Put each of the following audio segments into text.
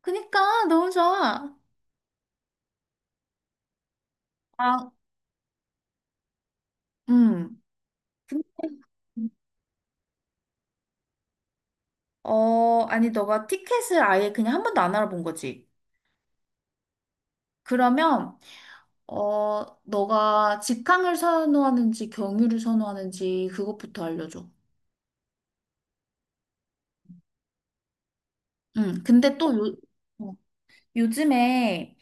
그니까 너무 좋아. 아, 음. 어, 아니, 너가 티켓을 아예 그냥 한 번도 안 알아본 거지. 그러면, 너가 직항을 선호하는지 경유를 선호하는지 그것부터 알려줘. 근데 어, 요즘에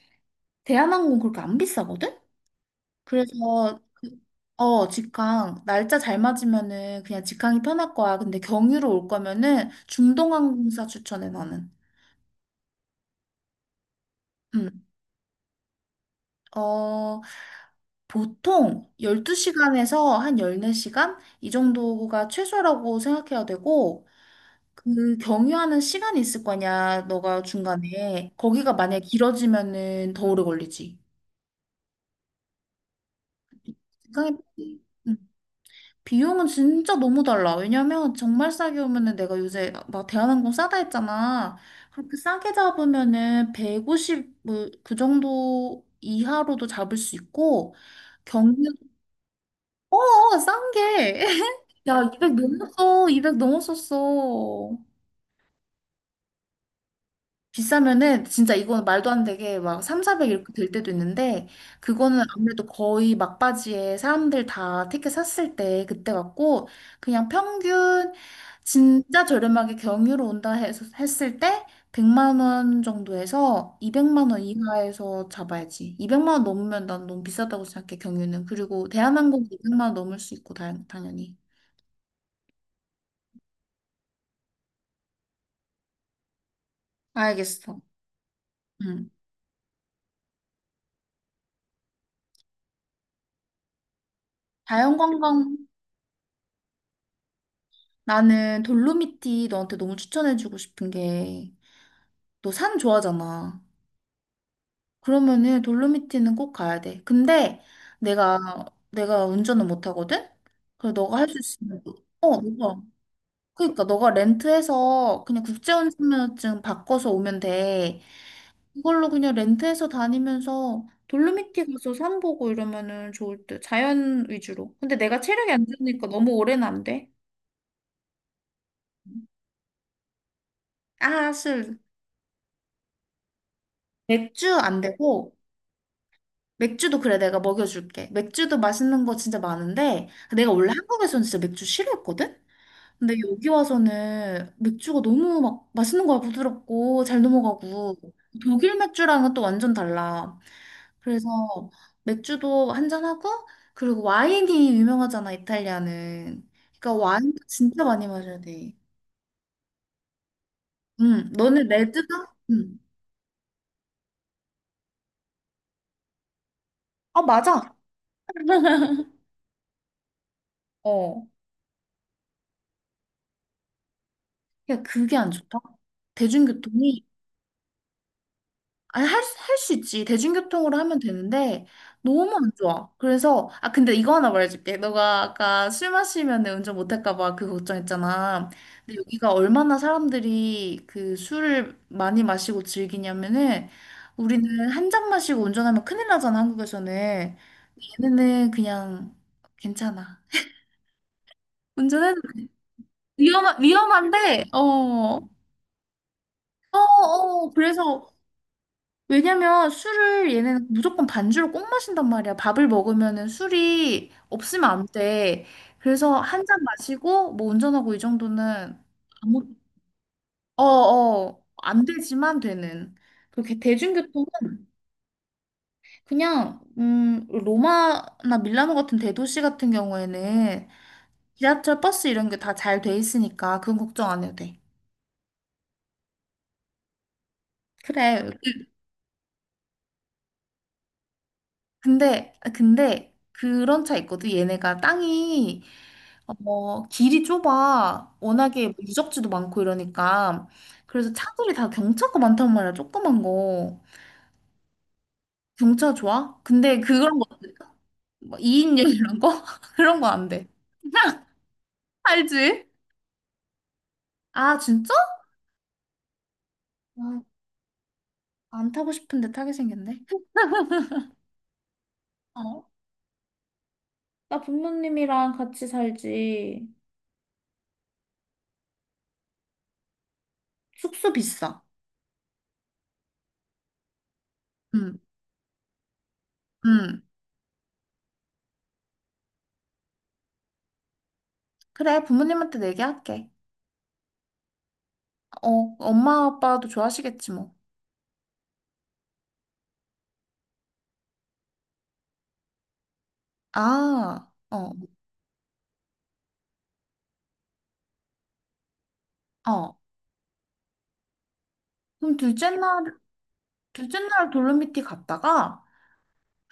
대한항공 그렇게 안 비싸거든? 그래서. 어, 직항. 날짜 잘 맞으면은 그냥 직항이 편할 거야. 근데 경유로 올 거면은 중동항공사 추천해, 나는. 음, 어, 보통 12시간에서 한 14시간? 이 정도가 최소라고 생각해야 되고, 그 경유하는 시간이 있을 거냐, 너가 중간에. 거기가 만약에 길어지면은 더 오래 걸리지. 생각해보지. 응. 비용은 진짜 너무 달라. 왜냐면 정말 싸게 오면은 내가 요새 막 대한항공 싸다 했잖아. 그렇게 싸게 잡으면은 150, 뭐, 그 정도 이하로도 잡을 수 있고, 경유 싼 게. 야, 200 넘었어. 200 넘었었어. 비싸면은 진짜 이건 말도 안 되게 막 3, 400 이렇게 될 때도 있는데, 그거는 아무래도 거의 막바지에 사람들 다 티켓 샀을 때 그때 같고, 그냥 평균 진짜 저렴하게 경유로 온다 해서 했을 때 100만 원 정도에서 200만 원 이하에서 잡아야지. 200만 원 넘으면 난 너무 비싸다고 생각해, 경유는. 그리고 대한항공 200만 원 넘을 수 있고 당연히. 알겠어. 음. 자연관광. 나는 돌로미티 너한테 너무 추천해주고 싶은 게, 너 산 좋아하잖아. 그러면은 돌로미티는 꼭 가야 돼. 근데 내가 내가 운전은 못 하거든. 그래, 너가 할 수 있으면, 어 너가 그러니까 너가 렌트해서 그냥 국제운전면허증 바꿔서 오면 돼. 그걸로 그냥 렌트해서 다니면서 돌로미티 가서 산 보고 이러면은 좋을 듯. 자연 위주로. 근데 내가 체력이 안 좋으니까 너무 오래는 안 돼. 아. 슬. 맥주 안 되고. 맥주도, 그래, 내가 먹여줄게. 맥주도 맛있는 거 진짜 많은데, 내가 원래 한국에서는 진짜 맥주 싫어했거든? 근데 여기 와서는 맥주가 너무 막 맛있는 거야. 부드럽고 잘 넘어가고, 독일 맥주랑은 또 완전 달라. 그래서 맥주도 한 잔하고, 그리고 와인이 유명하잖아, 이탈리아는. 그러니까 와인 진짜 많이 마셔야 돼. 응, 너는 레드가? 응. 아, 맞아. 어. 야, 그게 안 좋다. 대중교통이, 아니, 할 수 있지. 대중교통으로 하면 되는데, 너무 안 좋아. 그래서, 아, 근데 이거 하나 말해줄게. 너가 아까 술 마시면 운전 못할까봐 그 걱정했잖아. 근데 여기가 얼마나 사람들이 그 술을 많이 마시고 즐기냐면은, 우리는 한 잔 마시고 운전하면 큰일 나잖아, 한국에서는. 얘네는 그냥 괜찮아. 운전해도 위험한데, 어. 어. 어, 그래서, 왜냐면 술을 얘네는 무조건 반주로 꼭 마신단 말이야. 밥을 먹으면은 술이 없으면 안 돼. 그래서 한 잔 마시고 뭐 운전하고 이 정도는, 아무 어어 안 되지만 되는. 그렇게 대중교통은 그냥 로마나 밀라노 같은 대도시 같은 경우에는 지하철, 버스 이런 게 다 잘 돼 있으니까 그건 걱정 안 해도 돼. 그래. 근데 그런 차 있거든. 얘네가 길이 좁아. 워낙에 뭐 유적지도 많고 이러니까. 그래서 차들이 다 경차가 많단 말이야. 조그만 거. 경차 좋아? 근데 그런 거, 뭐 2인용 이런 거? 그런 거 안 돼. 알지? 아, 진짜? 아, 안 타고 싶은데 타게 생겼네. 어? 나 부모님이랑 같이 살지. 숙소 비싸. 응, 응. 그래, 부모님한테 얘기할게. 어, 엄마 아빠도 좋아하시겠지 뭐. 아, 어, 어. 그럼 둘째 날 돌로미티 갔다가,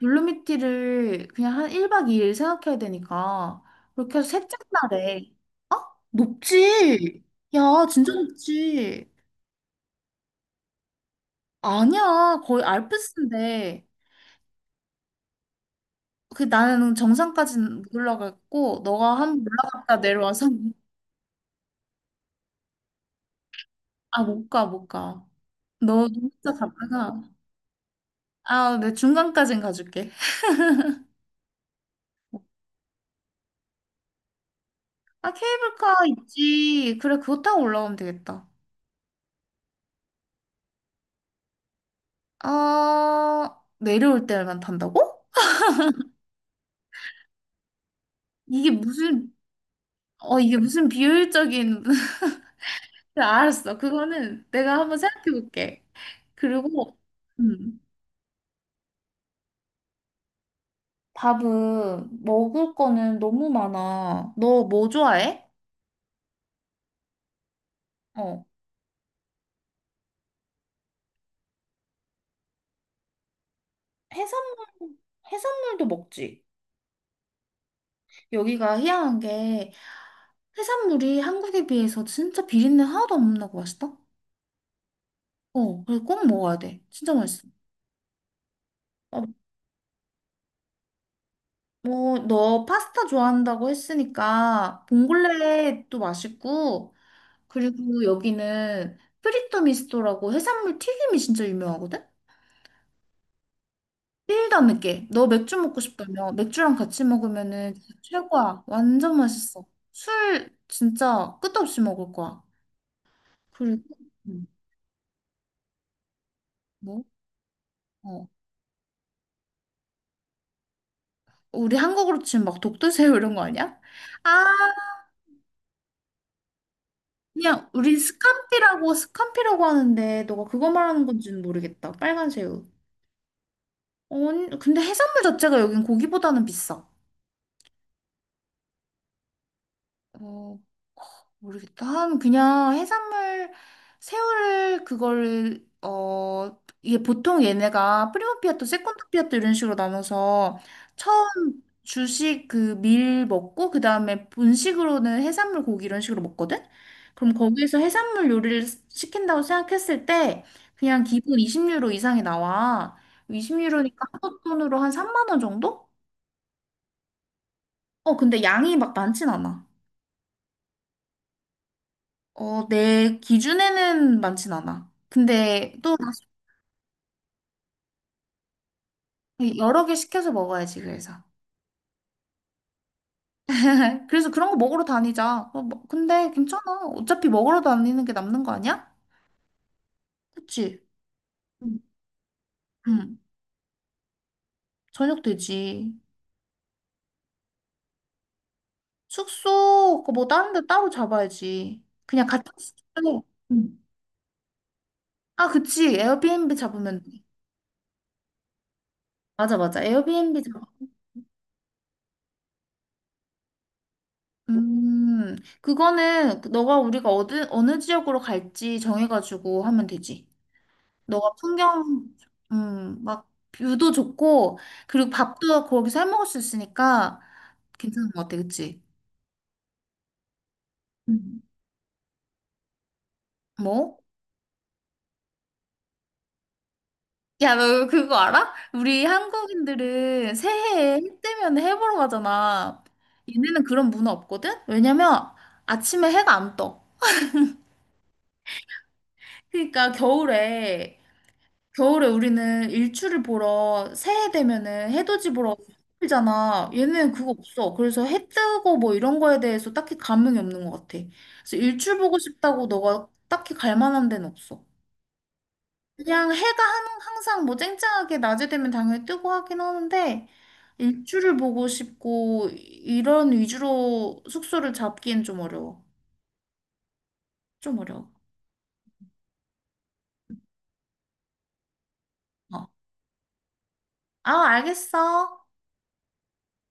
돌로미티를 그냥 한 1박 2일 생각해야 되니까 그렇게 해서 셋째 날에. 어? 높지? 야, 진짜 높지? 아니야, 거의 알프스인데. 그 나는 정상까지 못 올라갔고 너가 한번 올라갔다 내려와서 아, 못 가, 못 가. 너 진짜 갔다가, 아, 내 중간까진 가줄게. 아, 케이블카 있지. 그래, 그거 타고 올라오면 되겠다. 아, 내려올 때만 탄다고? 이게 무슨, 이게 무슨 비효율적인. 그래, 알았어. 그거는 내가 한번 생각해 볼게. 그리고, 음, 밥은 먹을 거는 너무 많아. 너 뭐 좋아해? 어, 해산물, 해산물도 먹지. 여기가 희한한 게 해산물이 한국에 비해서 진짜 비린내 하나도 안 나고 맛있다. 어, 그래서 꼭 먹어야 돼. 진짜 맛있어. 어, 뭐, 너 파스타 좋아한다고 했으니까 봉골레도 맛있고, 그리고 여기는 프리토 미스토라고 해산물 튀김이 진짜 유명하거든? 일도 안 맵게. 너 맥주 먹고 싶다며. 맥주랑 같이 먹으면은 진짜 최고야. 완전 맛있어. 술 진짜 끝도 없이 먹을 거야. 그리고. 음, 뭐? 어. 우리 한국으로 치면 막 독도새우 이런 거 아니야? 아, 그냥 우리 스캄피라고 하는데, 너가 그거 말하는 건지는 모르겠다. 빨간 새우. 어, 근데 해산물 자체가 여긴 고기보다는 비싸. 어, 모르겠다. 한 그냥 해산물, 새우를 그걸, 이게 보통 얘네가 프리모 피아토, 세컨드 피아토 이런 식으로 나눠서 처음 주식, 그 밀 먹고 그다음에 본식으로는 해산물, 고기 이런 식으로 먹거든. 그럼 거기에서 해산물 요리를 시킨다고 생각했을 때 그냥 기본 20유로 이상이 나와. 20유로니까 한국 돈으로 한 3만 원 정도? 어, 근데 양이 막 많진 않아. 어, 내 기준에는 많진 않아. 근데 또 다시 여러 개 시켜서 먹어야지, 그래서. 그래서 그런 거 먹으러 다니자. 어, 근데 괜찮아. 어차피 먹으러 다니는 게 남는 거 아니야? 그치? 응. 응. 저녁 되지. 숙소, 그뭐 다른 데 따로 잡아야지. 그냥 같은 숙소에. 응. 아, 그치. 에어비앤비 잡으면 돼. 맞아, 맞아. 에어비앤비. 음, 그거는 너가, 우리가 어느 지역으로 갈지 정해가지고 하면 되지. 너가 풍경, 막 뷰도 좋고, 그리고 밥도 거기서 해 먹을 수 있으니까 괜찮은 것 같아, 그치? 음. 뭐? 야, 너 그거 알아? 우리 한국인들은 새해에 해 뜨면 해 보러 가잖아. 얘네는 그런 문화 없거든? 왜냐면 아침에 해가 안 떠. 그러니까 겨울에 우리는 일출을 보러 새해 되면은 해돋이 보러 가잖아. 얘는 그거 없어. 그래서 해 뜨고 뭐 이런 거에 대해서 딱히 감흥이 없는 것 같아. 그래서 일출 보고 싶다고 너가 딱히 갈 만한 데는 없어. 그냥 해가 항상 뭐 쨍쨍하게 낮에 되면 당연히 뜨고 하긴 하는데, 일출을 보고 싶고 이런 위주로 숙소를 잡기엔 좀 어려워. 좀 어려워. 어. 아, 알겠어.